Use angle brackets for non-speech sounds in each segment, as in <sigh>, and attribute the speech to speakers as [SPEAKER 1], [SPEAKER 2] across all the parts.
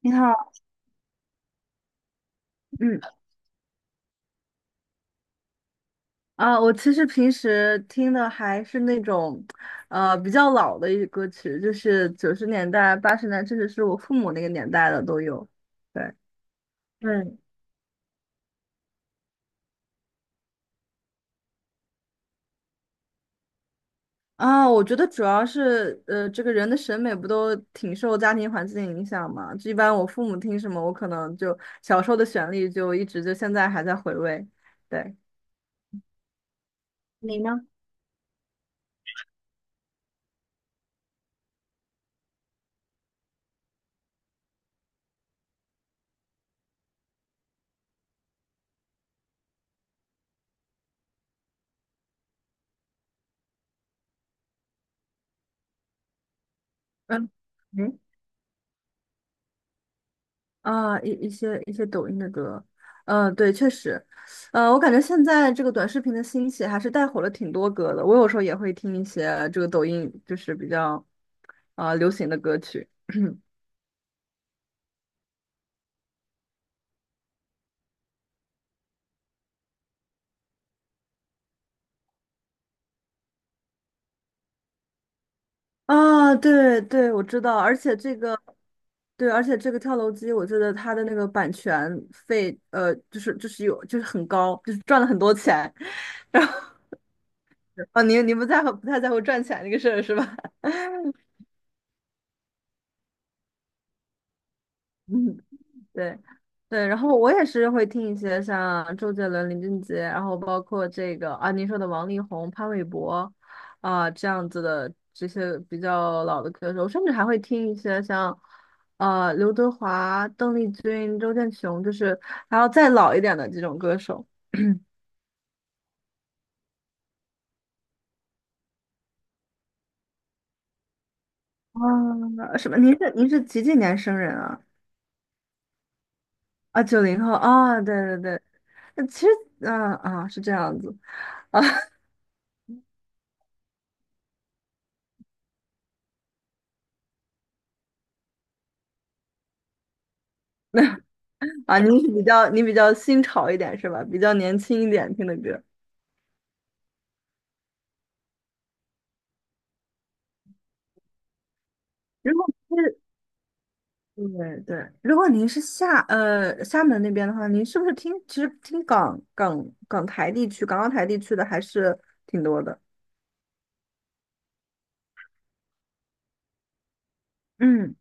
[SPEAKER 1] 你好，嗯我其实平时听的还是那种，比较老的一些歌曲，就是90年代、80年代，甚至是我父母那个年代的都有。对对，我觉得主要是，这个人的审美不都挺受家庭环境影响嘛？就一般我父母听什么，我可能就小时候的旋律就一直就现在还在回味。对，你呢？嗯嗯。一些抖音的歌，嗯、对，确实，我感觉现在这个短视频的兴起还是带火了挺多歌的。我有时候也会听一些这个抖音就是比较流行的歌曲对对，我知道，而且这个对，而且这个跳楼机，我记得它的那个版权费，就是有很高，就是赚了很多钱。<laughs> 然后你不太在乎赚钱这个事儿是吧？<laughs> 嗯。对，对，然后我也是会听一些像周杰伦、林俊杰，然后包括这个您说的王力宏、潘玮柏这样子的这些比较老的歌手，甚至还会听一些像刘德华、邓丽君、周建雄，就是还要再老一点的这种歌手。什么？您是几几年生人啊？90后啊，对对对，那其实是这样子。啊。你比较新潮一点是吧？比较年轻一点听的歌。如果是，对对，如果您是厦门那边的话，您是不是听其实听港台地区、港澳台地区的还是挺多的？嗯，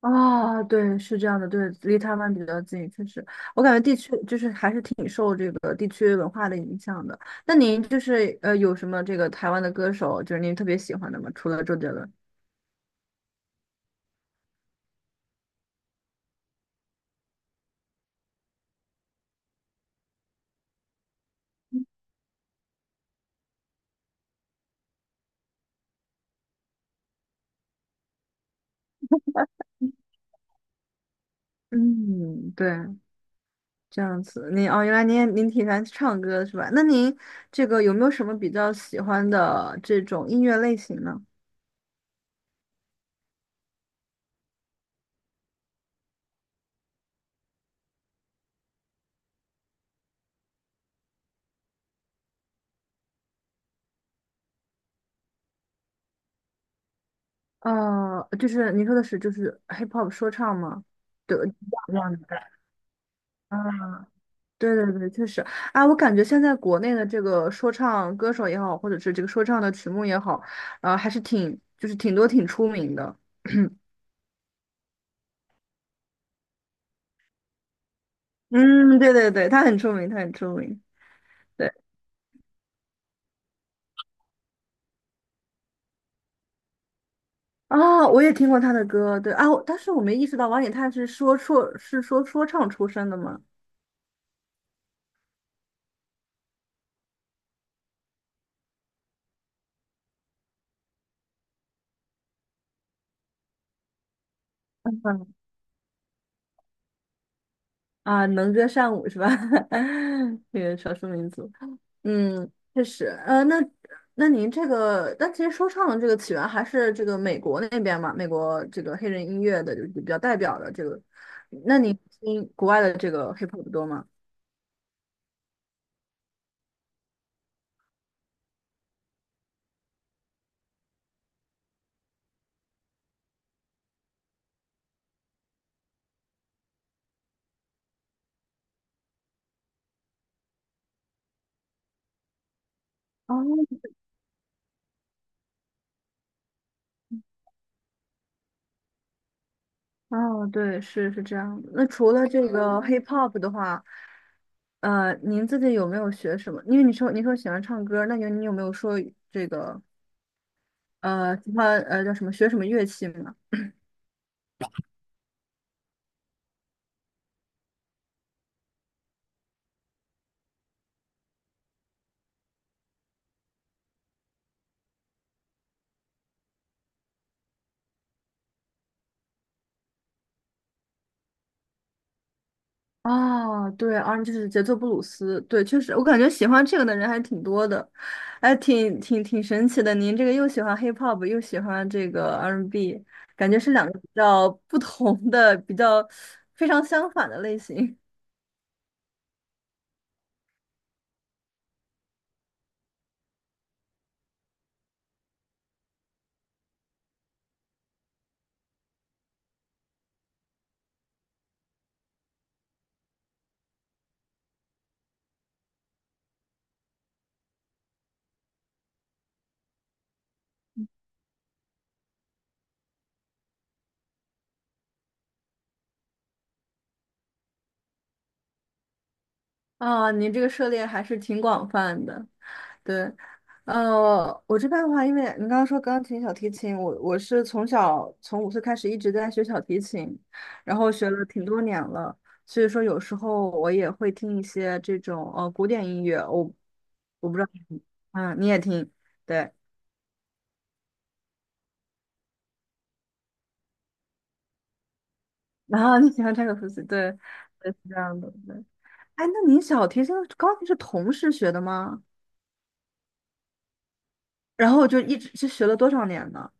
[SPEAKER 1] 对，是这样的，对，离台湾比较近，确实，我感觉地区就是还是挺受这个地区文化的影响的。那您就是有什么这个台湾的歌手，就是您特别喜欢的吗？除了周杰伦？嗯，对，这样子，您原来您也挺喜欢唱歌是吧？那您这个有没有什么比较喜欢的这种音乐类型呢？就是您说的是就是 hip hop 说唱吗？对，这样子的啊，对对对，确实我感觉现在国内的这个说唱歌手也好，或者是这个说唱的曲目也好，还是挺就是挺多挺出名的。<clears throat> 嗯，对对对，他很出名，他很出名。对。我也听过他的歌，对啊，但是我没意识到王以太是说唱出身的嘛，<laughs> 嗯能歌善舞是吧？<laughs> 这个少数民族，嗯，确实，那您这个，但其实说唱的这个起源还是这个美国那边嘛，美国这个黑人音乐的就是比较代表的这个，那你听国外的这个 hip hop 多吗？哦哦，对，是这样的。那除了这个hip hop 的话，您自己有没有学什么？因为你说喜欢唱歌，那你有没有说这个喜欢叫什么学什么乐器吗？哦，对 r 就是节奏布鲁斯，对，确实，我感觉喜欢这个的人还挺多的，哎，挺神奇的。您这个又喜欢 hip hop，又喜欢这个 R&B，n 感觉是两个比较不同的、比较非常相反的类型。你这个涉猎还是挺广泛的。对，我这边的话，因为你刚刚说钢琴、小提琴，我是从小从5岁开始一直在学小提琴，然后学了挺多年了，所以说有时候我也会听一些这种古典音乐，我不知道你，嗯，你也听，对，然后你喜欢柴可夫斯基，对，对，是这样的，对。哎，那你小提琴、钢琴是同时学的吗？然后就一直是学了多少年呢？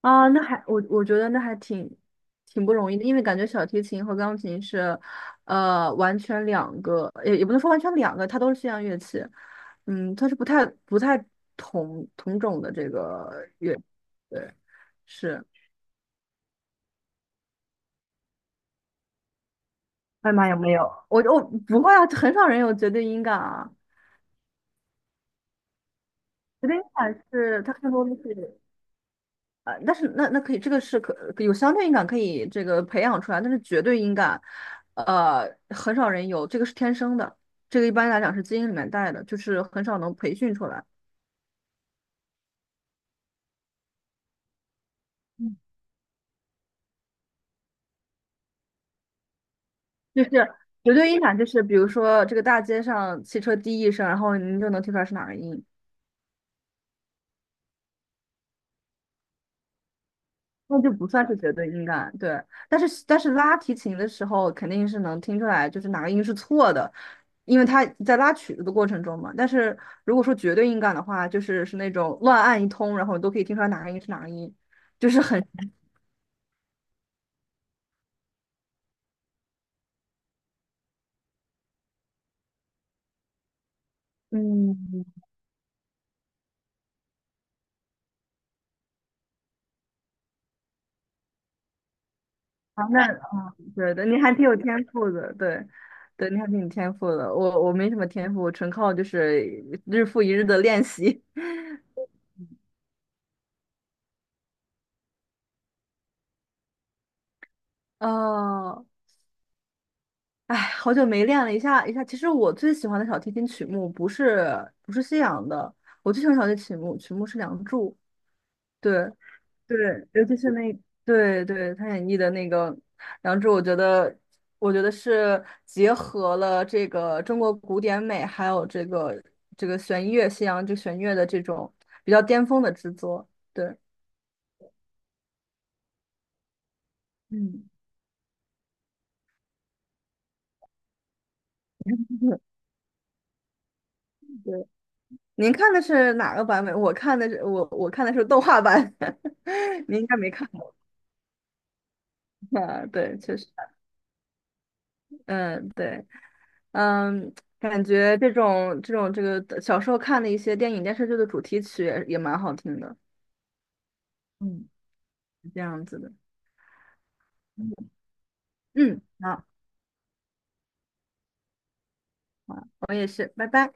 [SPEAKER 1] 那还我觉得那还挺不容易的，因为感觉小提琴和钢琴是，完全两个，也不能说完全两个，它都是西洋乐器，嗯，它是不太同种的这个乐，对，是。艾玛有没有？我不会啊，很少人有绝对音感啊，绝对音感是它更多的是。但是那可以，这个是可有相对应感，可以这个培养出来，但是绝对音感，很少人有，这个是天生的，这个一般来讲是基因里面带的，就是很少能培训出来。嗯就是绝对音感，就是比如说这个大街上汽车滴一声，然后您就能听出来是哪个音。那就不算是绝对音感，对。但是拉提琴的时候，肯定是能听出来，就是哪个音是错的，因为他在拉曲子的过程中嘛。但是如果说绝对音感的话，是那种乱按一通，然后你都可以听出来哪个音是哪个音，就是很 <laughs> 嗯，对对，你还挺有天赋的，对。对，你还挺有天赋的，我没什么天赋，纯靠就是日复一日的练习。<laughs> 哦，哎，好久没练了一下一下。其实我最喜欢的小提琴曲目不是西洋的，我最喜欢小提琴曲目是《梁祝》。对对，尤其是那对对他演绎的那个《梁祝》，我觉得是结合了这个中国古典美，还有这个弦乐西洋就弦乐的这种比较巅峰的制作。对，嗯，<laughs> 对。您看的是哪个版本？我看的是动画版，<laughs> 您应该没看。<laughs> 对，确实，嗯，对，嗯，感觉这种这个小时候看的一些电影电视剧的主题曲也蛮好听的，嗯，是这样子的，嗯，嗯好，好，我也是，拜拜。